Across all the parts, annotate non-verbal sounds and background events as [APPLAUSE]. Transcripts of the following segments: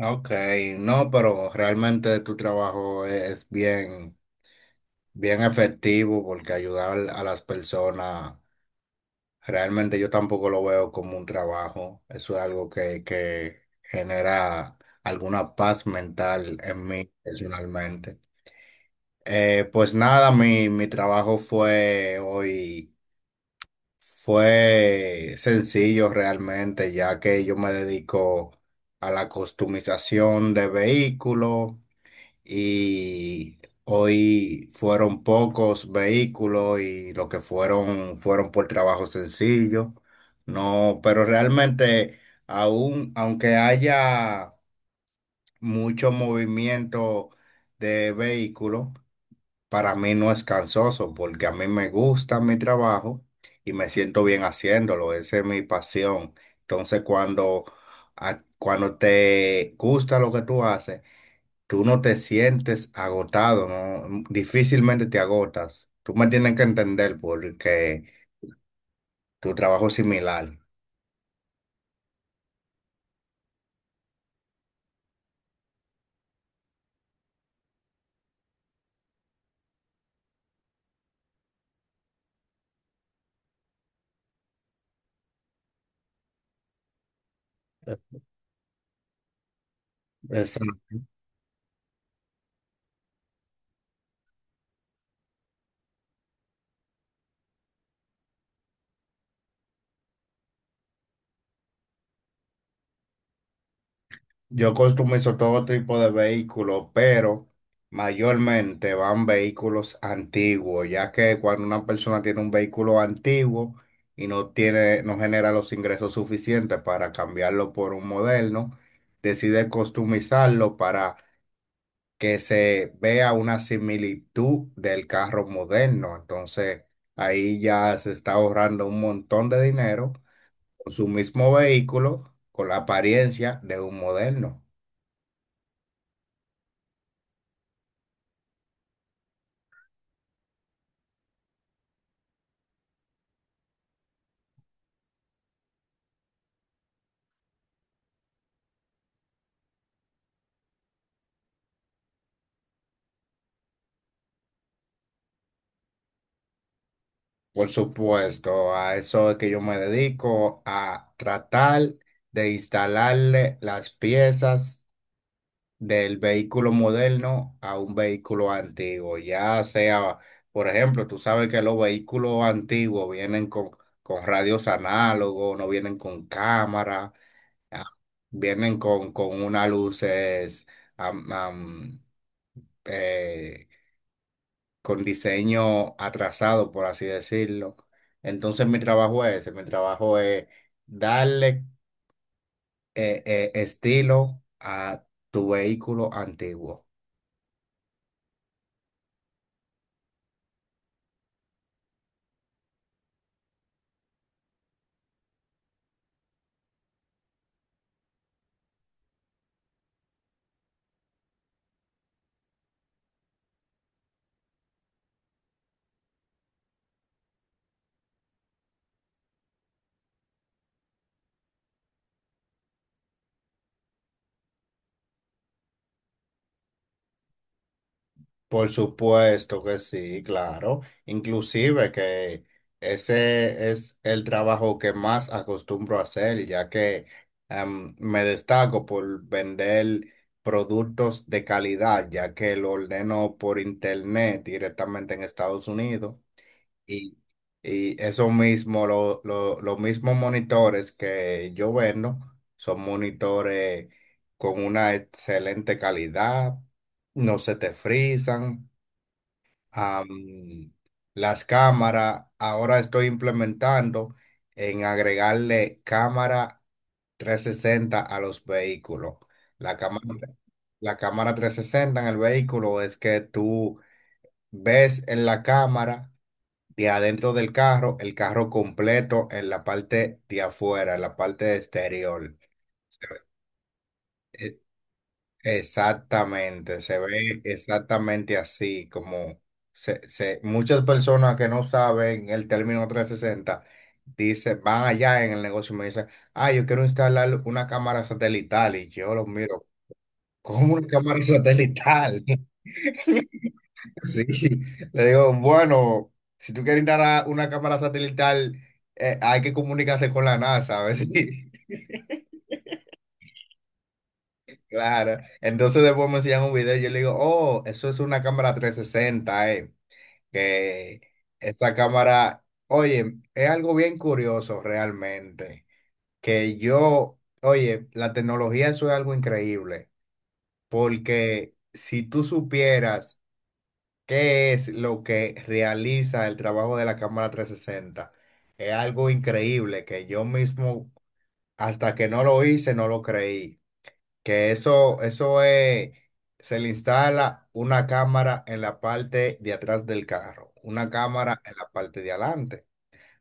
Ok, no, pero realmente tu trabajo es bien efectivo porque ayudar a las personas, realmente yo tampoco lo veo como un trabajo. Eso es algo que genera alguna paz mental en mí personalmente. Pues nada, mi trabajo fue hoy, fue sencillo realmente, ya que yo me dedico a la customización de vehículos y hoy fueron pocos vehículos y los que fueron fueron por trabajo sencillo. No, pero realmente aunque haya mucho movimiento de vehículos, para mí no es cansoso porque a mí me gusta mi trabajo y me siento bien haciéndolo. Esa es mi pasión. Entonces, cuando te gusta lo que tú haces, tú no te sientes agotado, ¿no? Difícilmente te agotas. Tú me tienes que entender porque tu trabajo es similar. Eh, eh, Es- yo customizo todo tipo de vehículos, pero mayormente van vehículos antiguos, ya que cuando una persona tiene un vehículo antiguo y no tiene, no genera los ingresos suficientes para cambiarlo por un moderno, decide customizarlo que se vea una similitud del carro moderno. Entonces, ahí ya se está ahorrando un montón de dinero con su mismo vehículo, con la apariencia de un moderno. Por supuesto, a eso es que yo me dedico, a tratar de instalarle las piezas del vehículo moderno a un vehículo antiguo. Ya sea, por ejemplo, tú sabes que los vehículos antiguos vienen con radios análogos, no vienen con cámara, ah, vienen con unas luces am- am, eh, con diseño atrasado, por así decirlo. Entonces mi trabajo es ese, mi trabajo es darle estilo a tu vehículo antiguo. Por supuesto que sí, claro. Inclusive que ese es el trabajo que más acostumbro a hacer, ya que me destaco por vender productos de calidad, ya que lo ordeno por internet directamente en Estados Unidos. Y, y eso mismo, los mismos monitores que yo vendo son monitores con una excelente calidad, no se te frisan am, las cámaras. Ahora estoy implementando en agregarle cámara 360 a los vehículos. La cámara, la cámara 360 en el vehículo es que tú ves en la cámara de adentro del carro, el carro completo en la parte de afuera, en la parte exterior. Exactamente, se ve exactamente así, muchas personas que no saben el término 360 dicen, van allá en el negocio y me dicen, ah, yo quiero instalar una cámara satelital y yo los miro, ¿cómo una cámara satelital? [LAUGHS] Sí, le digo, bueno, si tú quieres instalar una cámara satelital, hay que comunicarse con la NASA, a ver si... [LAUGHS] Claro, entonces después me enseñan un video y yo le digo, oh, eso es una cámara 360 Que esta cámara, oye, es algo bien curioso realmente, que yo, oye, la tecnología eso es algo increíble, porque si tú supieras qué es lo que realiza el trabajo de la cámara 360 es algo increíble que yo mismo, hasta que no lo hice, no lo creí. Que eso es, se le instala una cámara en la parte de atrás del carro, una cámara en la parte de adelante,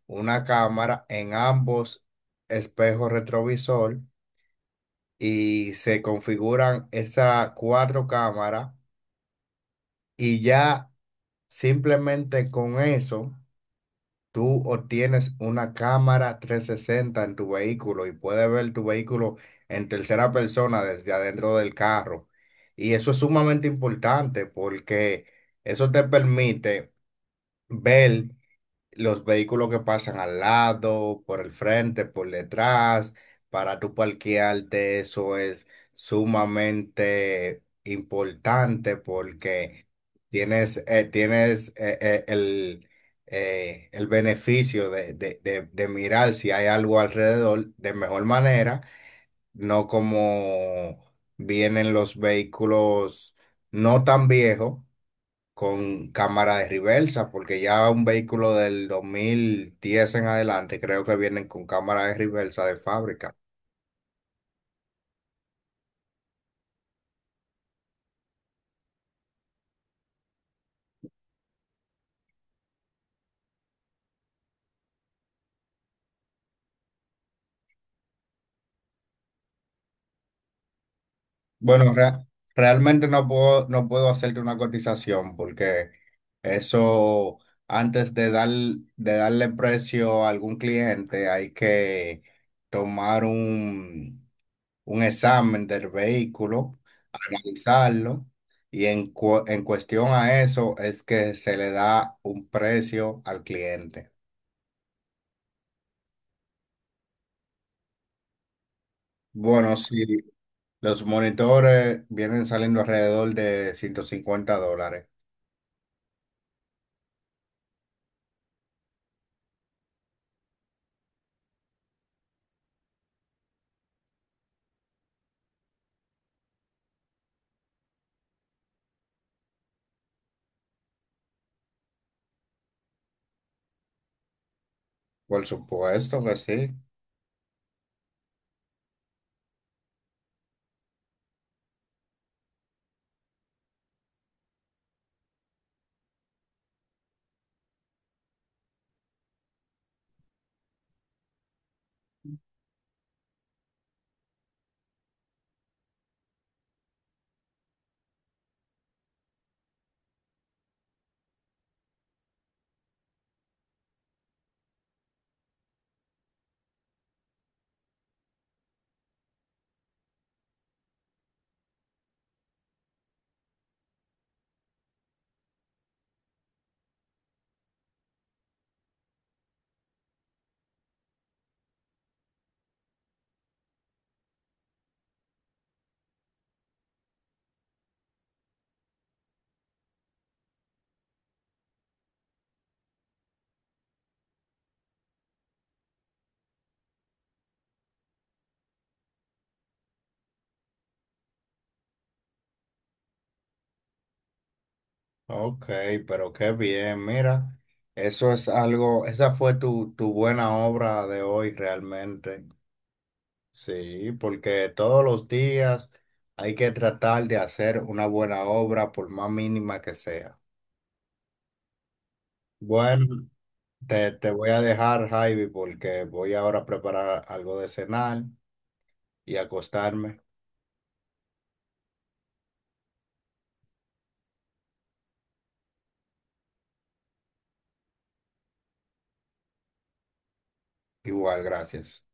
una cámara en ambos espejos retrovisor y se configuran esas cuatro cámaras y ya simplemente con eso. Tú o tienes una cámara 360 en tu vehículo y puedes ver tu vehículo en tercera persona desde adentro del carro. Y eso es sumamente importante porque eso te permite ver los vehículos que pasan al lado, por el frente, por detrás, para tu parquearte, eso es sumamente importante porque tienes, eh, tienes eh, eh, el, el beneficio de mirar si hay algo alrededor de mejor manera, no como vienen los vehículos no tan viejos con cámara de reversa, porque ya un vehículo del 2010 en adelante creo que vienen con cámara de reversa de fábrica. Bueno, rea- Realmente no puedo, no puedo hacerte una cotización porque eso, antes de dar, de darle precio a algún cliente, hay que tomar un examen del vehículo, analizarlo, y en cuestión a eso es que se le da un precio al cliente. Bueno, sí, los monitores vienen saliendo alrededor de $150. Por supuesto que sí. Ok, pero qué bien, mira, eso es algo, esa fue tu buena obra de hoy realmente. Sí, porque todos los días hay que tratar de hacer una buena obra por más mínima que sea. Bueno, te voy a dejar, Javi, porque voy ahora a preparar algo de cenar y acostarme. Igual, gracias.